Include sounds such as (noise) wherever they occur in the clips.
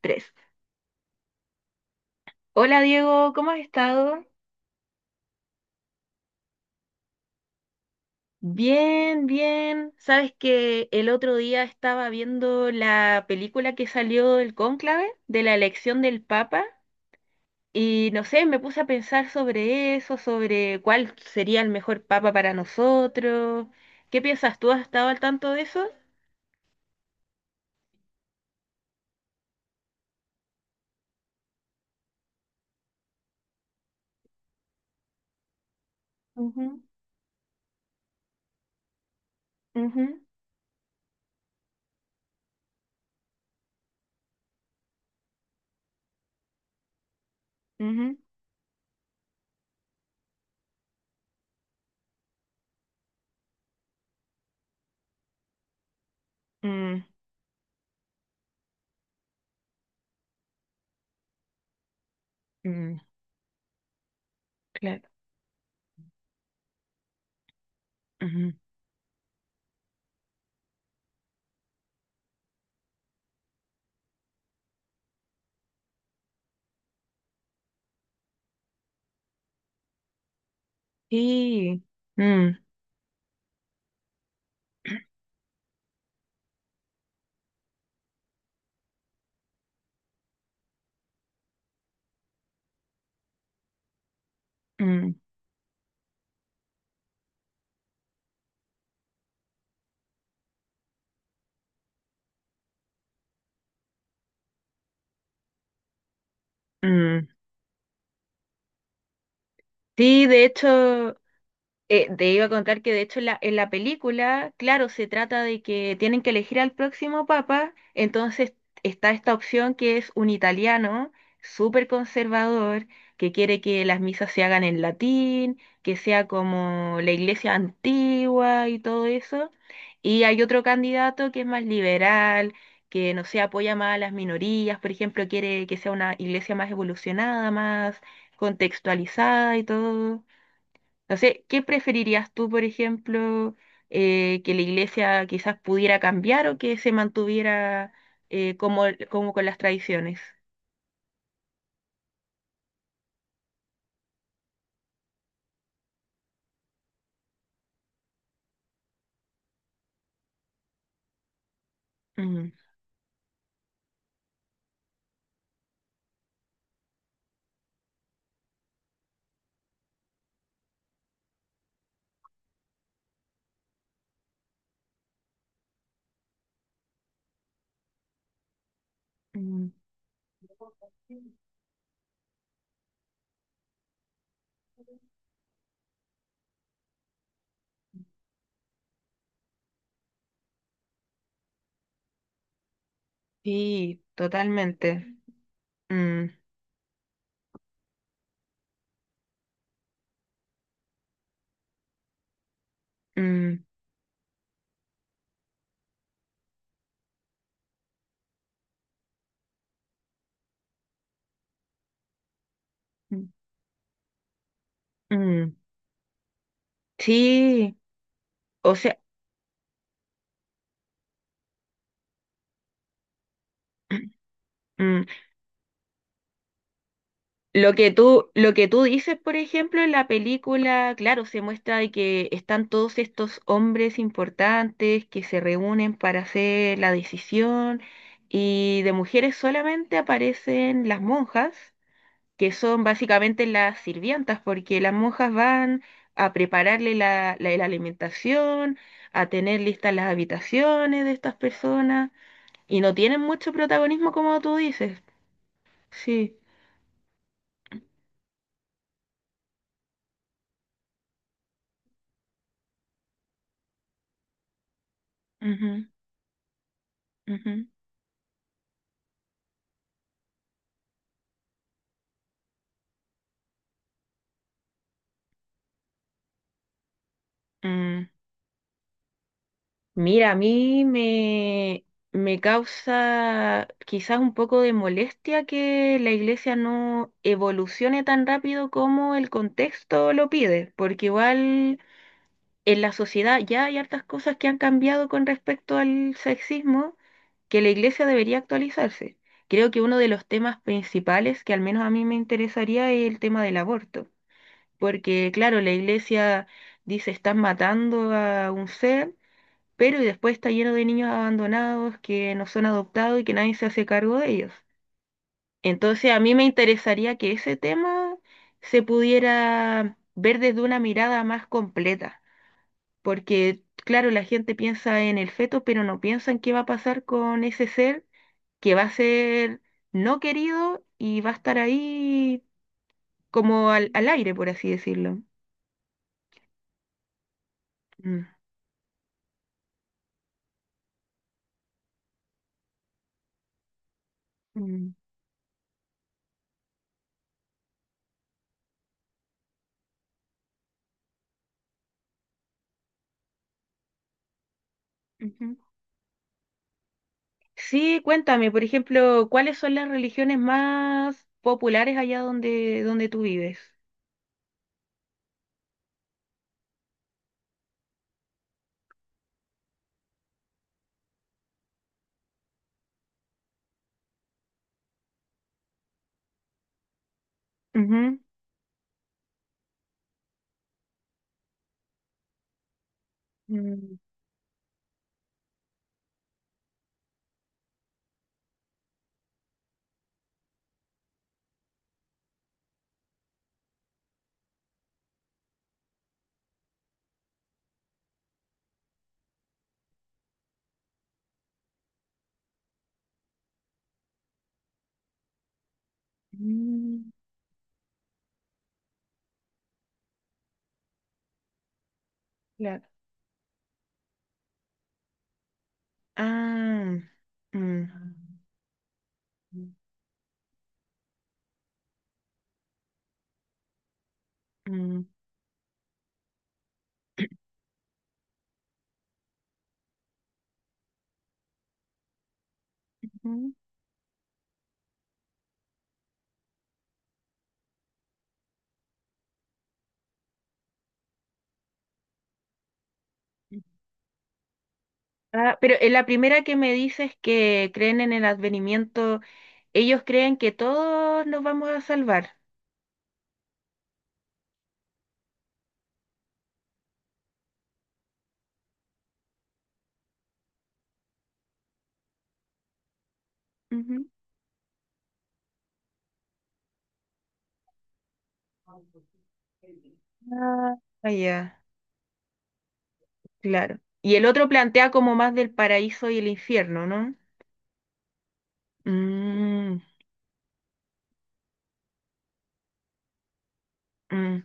Tres. Hola Diego, ¿cómo has estado? Bien, bien. Sabes que el otro día estaba viendo la película que salió del cónclave de la elección del Papa y no sé, me puse a pensar sobre eso, sobre cuál sería el mejor Papa para nosotros. ¿Qué piensas tú? ¿Has estado al tanto de eso? Ujú, ujú, ujú. Mm, mm, claro. Ujú. Sí. Mm, mm, mm. Sí, de hecho. Te iba a contar que de hecho en la película, claro, se trata de que tienen que elegir al próximo papa, entonces está esta opción que es un italiano súper conservador, que quiere que las misas se hagan en latín, que sea como la iglesia antigua y todo eso. Y hay otro candidato que es más liberal, que no se apoya más a las minorías, por ejemplo, quiere que sea una iglesia más evolucionada, más contextualizada y todo. No sé, ¿qué preferirías tú, por ejemplo, que la iglesia quizás pudiera cambiar o que se mantuviera eh, como, como con las tradiciones? Mm, mm. Sí, totalmente. Mm, mm, mm, mm. Sí, o sea, (clears throat) mm. Lo que tú dices, por ejemplo, en la película, claro, se muestra de que están todos estos hombres importantes que se reúnen para hacer la decisión y de mujeres solamente aparecen las monjas, que son básicamente las sirvientas, porque las monjas van a prepararle la alimentación, a tener listas las habitaciones de estas personas y no tienen mucho protagonismo como tú dices. Sí. Ujú, ujú, mm. Mira, me causa quizás un poco de molestia que la iglesia no evolucione tan rápido como el contexto lo pide, porque igual en la sociedad ya hay hartas cosas que han cambiado con respecto al sexismo que la iglesia debería actualizarse. Creo que uno de los temas principales que al menos a mí me interesaría es el tema del aborto, porque claro, la iglesia dice están matando a un ser pero y después está lleno de niños abandonados que no son adoptados y que nadie se hace cargo de ellos. Entonces a mí me interesaría que ese tema se pudiera ver desde una mirada más completa, porque claro, la gente piensa en el feto, pero no piensa en qué va a pasar con ese ser que va a ser no querido y va a estar ahí como al aire, por así decirlo. Mm. Mm. Ujú. Sí, cuéntame, por ejemplo, ¿cuáles son las religiones más populares allá donde tú vives? Ujú. Mm, mm, claro. Ah, mm, mm, mm. Ah, pero en la primera que me dices que creen en el advenimiento, ellos creen que todos nos vamos a salvar. Ujú. Ah, ah, ya, claro. Y el otro plantea como más del paraíso y el infierno, ¿no? Mm, mm,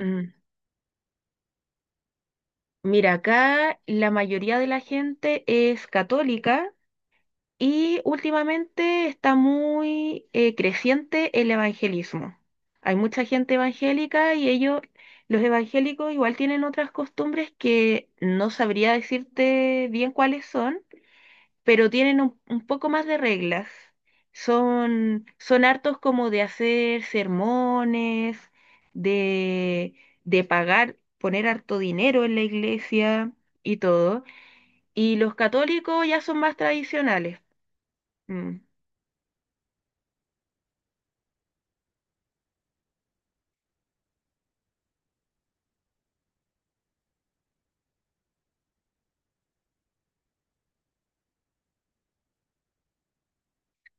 mm. Mira, acá la mayoría de la gente es católica y últimamente está muy creciente el evangelismo. Hay mucha gente evangélica y ellos, los evangélicos, igual tienen otras costumbres que no sabría decirte bien cuáles son, pero tienen un poco más de reglas. Son, son hartos como de hacer sermones, de, de pagar, poner harto dinero en la iglesia y todo. Y los católicos ya son más tradicionales. Mm.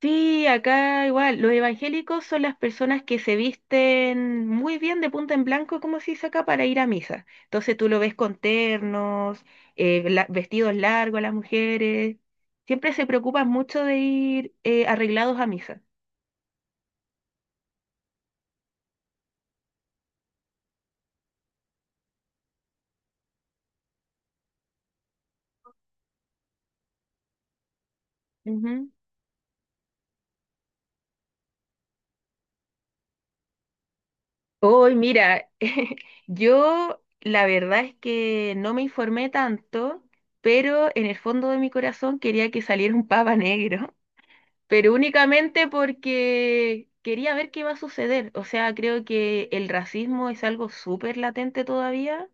Sí, acá igual, los evangélicos son las personas que se visten muy bien de punta en blanco, como se dice acá, para ir a misa. Entonces tú lo ves con ternos, vestidos largos las mujeres. Siempre se preocupan mucho de ir arreglados a misa. Ujú. Hoy, mira, (laughs) yo la verdad es que no me informé tanto, pero en el fondo de mi corazón quería que saliera un papa negro, pero únicamente porque quería ver qué va a suceder. O sea, creo que el racismo es algo súper latente todavía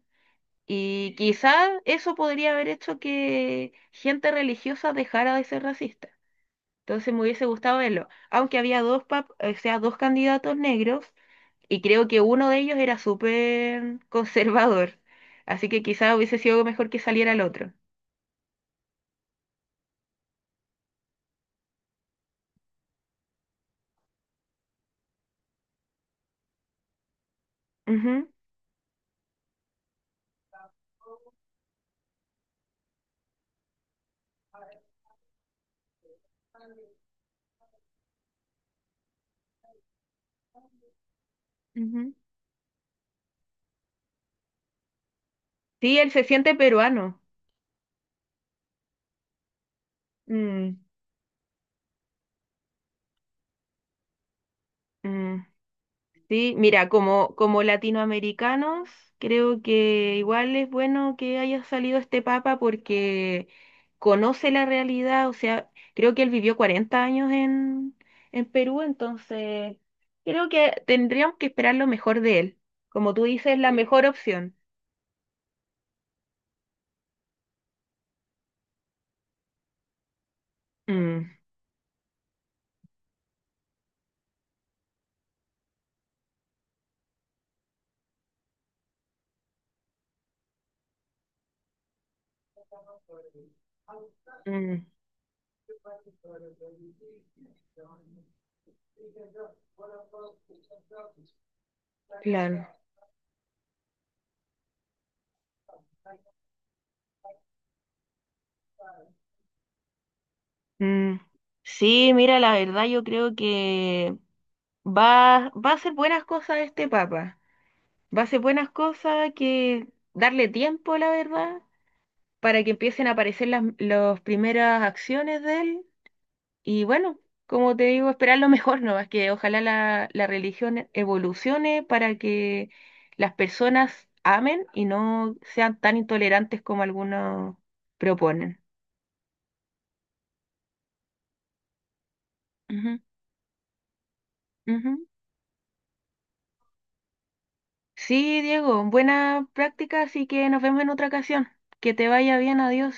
y quizás eso podría haber hecho que gente religiosa dejara de ser racista. Entonces me hubiese gustado verlo, aunque había o sea, dos candidatos negros y creo que uno de ellos era súper (laughs) conservador, así que quizás hubiese sido mejor que saliera el otro. Ujú, ujú. Sí, él se siente peruano. Mm, mm. Sí, mira, como, como latinoamericanos, creo que igual es bueno que haya salido este papa porque conoce la realidad, o sea, creo que él vivió 40 años en Perú, entonces creo que tendríamos que esperar lo mejor de él. Como tú dices, la mejor opción. Mm, mm, claro. Mm. Sí, mira, la verdad yo creo que va, va a hacer buenas cosas este papa. Va a ser buenas cosas, que darle tiempo, la verdad, para que empiecen a aparecer las primeras acciones de él. Y bueno, como te digo, esperar lo mejor, ¿no? Es que ojalá la religión evolucione para que las personas amen y no sean tan intolerantes como algunos proponen. Ujú, ujú. Sí, Diego, buena práctica, así que nos vemos en otra ocasión. Que te vaya bien, adiós.